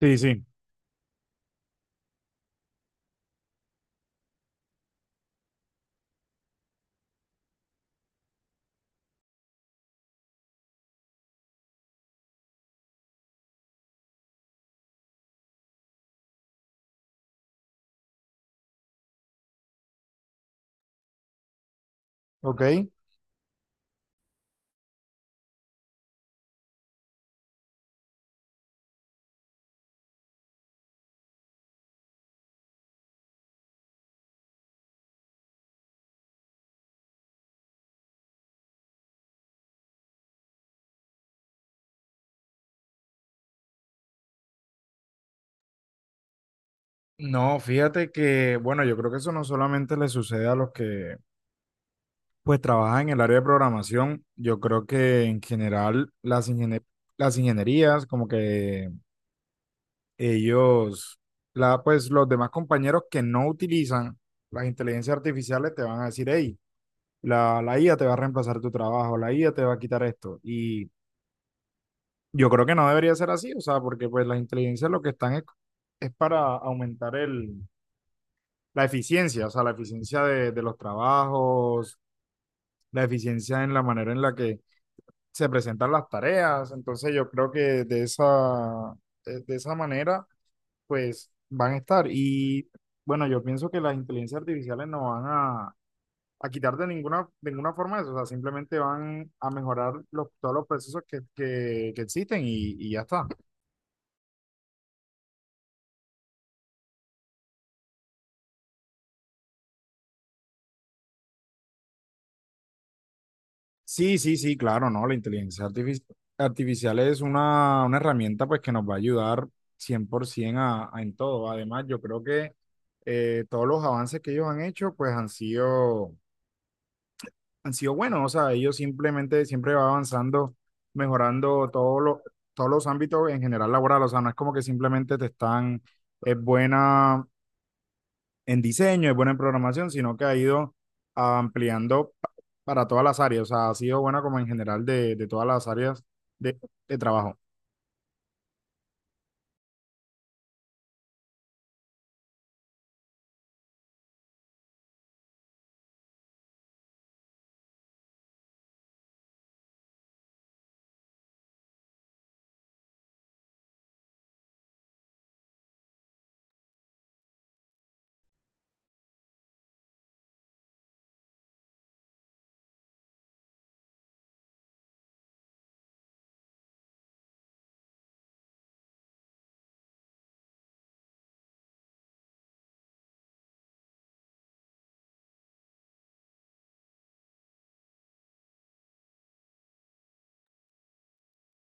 Sí, sí. ¿Ok? No, fíjate que, bueno, yo creo que eso no solamente le sucede a los que pues trabajan en el área de programación. Yo creo que en general las, las ingenierías, como que ellos, pues los demás compañeros que no utilizan las inteligencias artificiales te van a decir, hey, la IA te va a reemplazar tu trabajo, la IA te va a quitar esto. Y yo creo que no debería ser así, o sea, porque pues las inteligencias lo que están es para aumentar la eficiencia, o sea, la eficiencia de los trabajos, la eficiencia en la manera en la que se presentan las tareas. Entonces yo creo que de esa manera, pues van a estar. Y bueno, yo pienso que las inteligencias artificiales no van a quitar de ninguna forma eso, o sea, simplemente van a mejorar los, todos los procesos que existen y ya está. Sí, sí, sí, claro, ¿no? La inteligencia artificial es una herramienta pues que nos va a ayudar 100% a en todo. Además, yo creo que todos los avances que ellos han hecho pues han sido buenos. O sea, ellos simplemente siempre va avanzando, mejorando todos los ámbitos en general laboral. O sea, no es como que simplemente te están, es buena en diseño, es buena en programación, sino que ha ido ampliando para todas las áreas. O sea, ha sido buena como en general de todas las áreas de, de trabajo.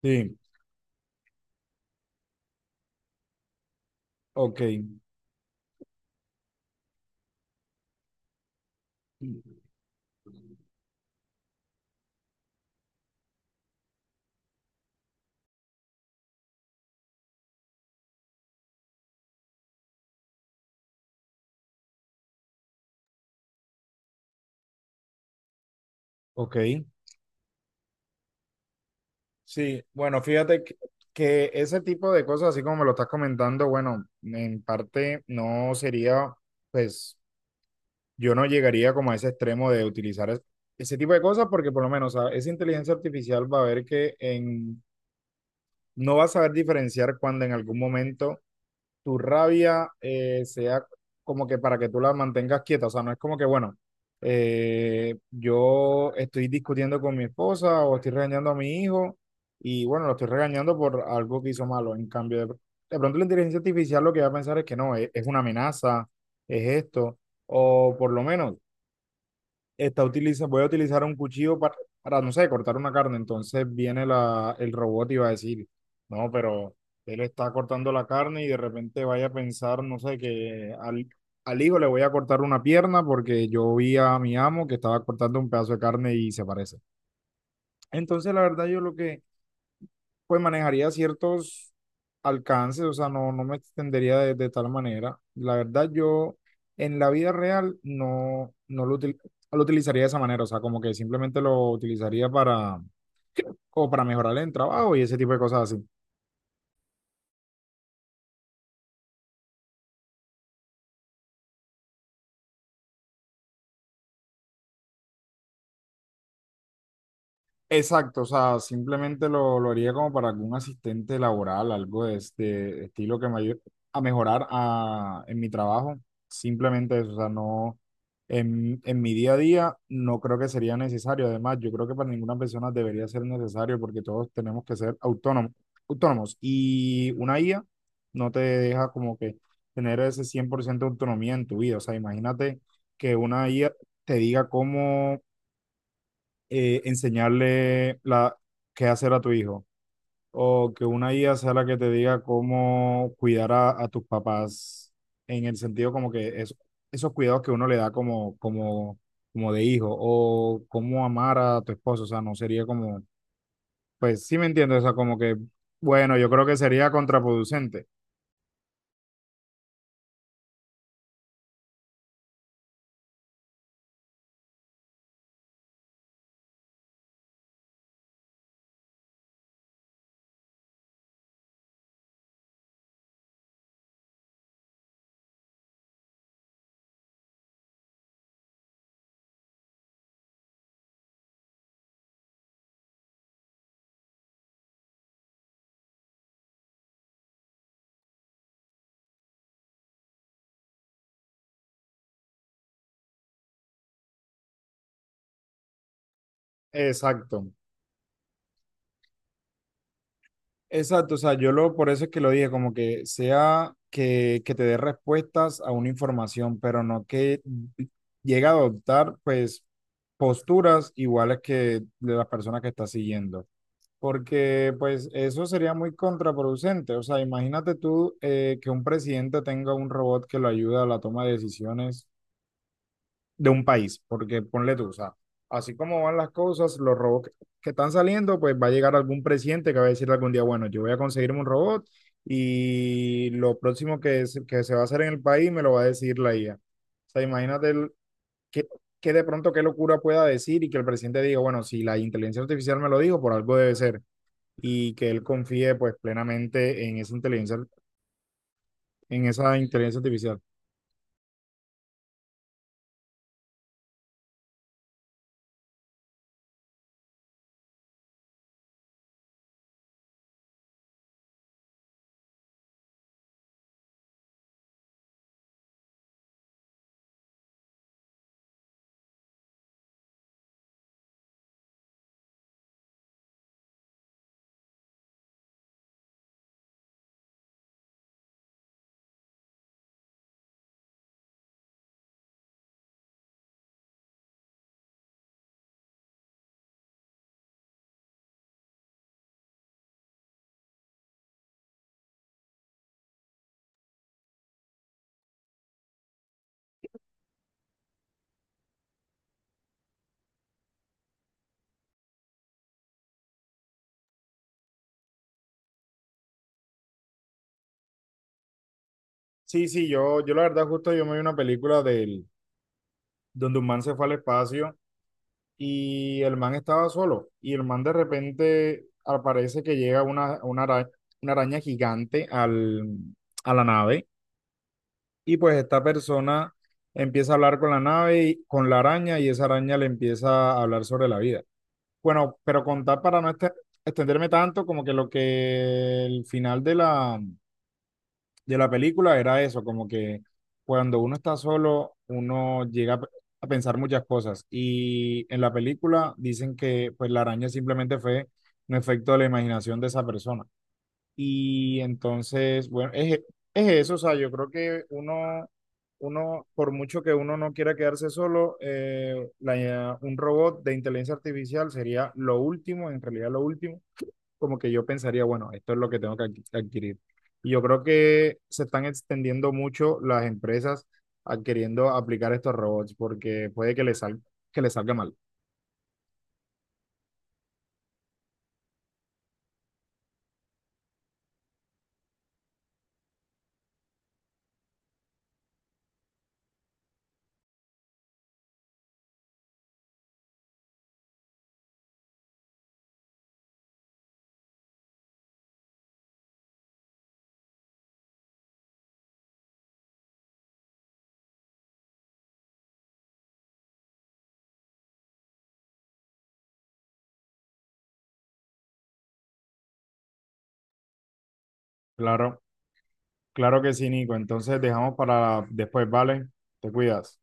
Sí, ok, ok. Sí, bueno, fíjate que ese tipo de cosas, así como me lo estás comentando, bueno, en parte no sería, pues yo no llegaría como a ese extremo de utilizar ese tipo de cosas porque por lo menos, o sea, esa inteligencia artificial va a ver que en, no va a saber diferenciar cuando en algún momento tu rabia sea como que para que tú la mantengas quieta. O sea, no es como que, bueno, yo estoy discutiendo con mi esposa o estoy regañando a mi hijo y bueno, lo estoy regañando por algo que hizo malo. En cambio, de pronto la inteligencia artificial lo que va a pensar es que no, es una amenaza, es esto, o por lo menos está utiliza, voy a utilizar un cuchillo para, no sé, cortar una carne. Entonces viene la, el robot y va a decir, no, pero él está cortando la carne y de repente vaya a pensar, no sé, que al, al hijo le voy a cortar una pierna porque yo vi a mi amo que estaba cortando un pedazo de carne y se parece. Entonces, la verdad, yo lo que pues manejaría ciertos alcances, o sea, no, no me extendería de tal manera. La verdad, yo en la vida real no, no lo, lo utilizaría de esa manera, o sea, como que simplemente lo utilizaría para, como para mejorar el trabajo y ese tipo de cosas así. Exacto, o sea, simplemente lo haría como para algún asistente laboral, algo de este estilo que me ayude a mejorar en mi trabajo. Simplemente eso, o sea, no, en mi día a día no creo que sería necesario. Además, yo creo que para ninguna persona debería ser necesario porque todos tenemos que ser autónomos, autónomos. Y una IA no te deja como que tener ese 100% de autonomía en tu vida. O sea, imagínate que una IA te diga cómo enseñarle la, qué hacer a tu hijo o que una IA sea la que te diga cómo cuidar a tus papás en el sentido como que es, esos cuidados que uno le da como, como, como de hijo o cómo amar a tu esposo, o sea, no sería como, pues sí me entiendo, o sea, como que, bueno, yo creo que sería contraproducente. Exacto. Exacto, o sea, yo lo, por eso es que lo dije, como que sea que te dé respuestas a una información, pero no que llegue a adoptar, pues, posturas iguales que de las personas que estás siguiendo. Porque, pues, eso sería muy contraproducente. O sea, imagínate tú que un presidente tenga un robot que lo ayuda a la toma de decisiones de un país, porque ponle tú, o sea, así como van las cosas, los robots que están saliendo, pues va a llegar algún presidente que va a decir algún día, bueno, yo voy a conseguirme un robot y lo próximo que, que se va a hacer en el país me lo va a decir la IA. O sea, imagínate que, que de pronto qué locura pueda decir y que el presidente diga, bueno, si la inteligencia artificial me lo dijo, por algo debe ser, y que él confíe pues plenamente en esa inteligencia artificial. Sí, sí, yo la verdad justo yo me vi una película del, donde un man se fue al espacio y el man estaba solo. Y el man de repente aparece que llega una araña gigante al, a la nave. Y pues esta persona empieza a hablar con la nave, y, con la araña, y esa araña le empieza a hablar sobre la vida. Bueno, pero contar para no extenderme tanto, como que lo que el final de la película era eso, como que cuando uno está solo, uno llega a a pensar muchas cosas. Y en la película dicen que pues la araña simplemente fue un efecto de la imaginación de esa persona. Y entonces, bueno, es eso, o sea, yo creo que uno, uno, por mucho que uno no quiera quedarse solo, un robot de inteligencia artificial sería lo último, en realidad lo último como que yo pensaría, bueno, esto es lo que tengo que adquirir. Y yo creo que se están extendiendo mucho las empresas adquiriendo aplicar estos robots porque puede que les que les salga mal. Claro, claro que sí, Nico. Entonces dejamos para después, ¿vale? Te cuidas.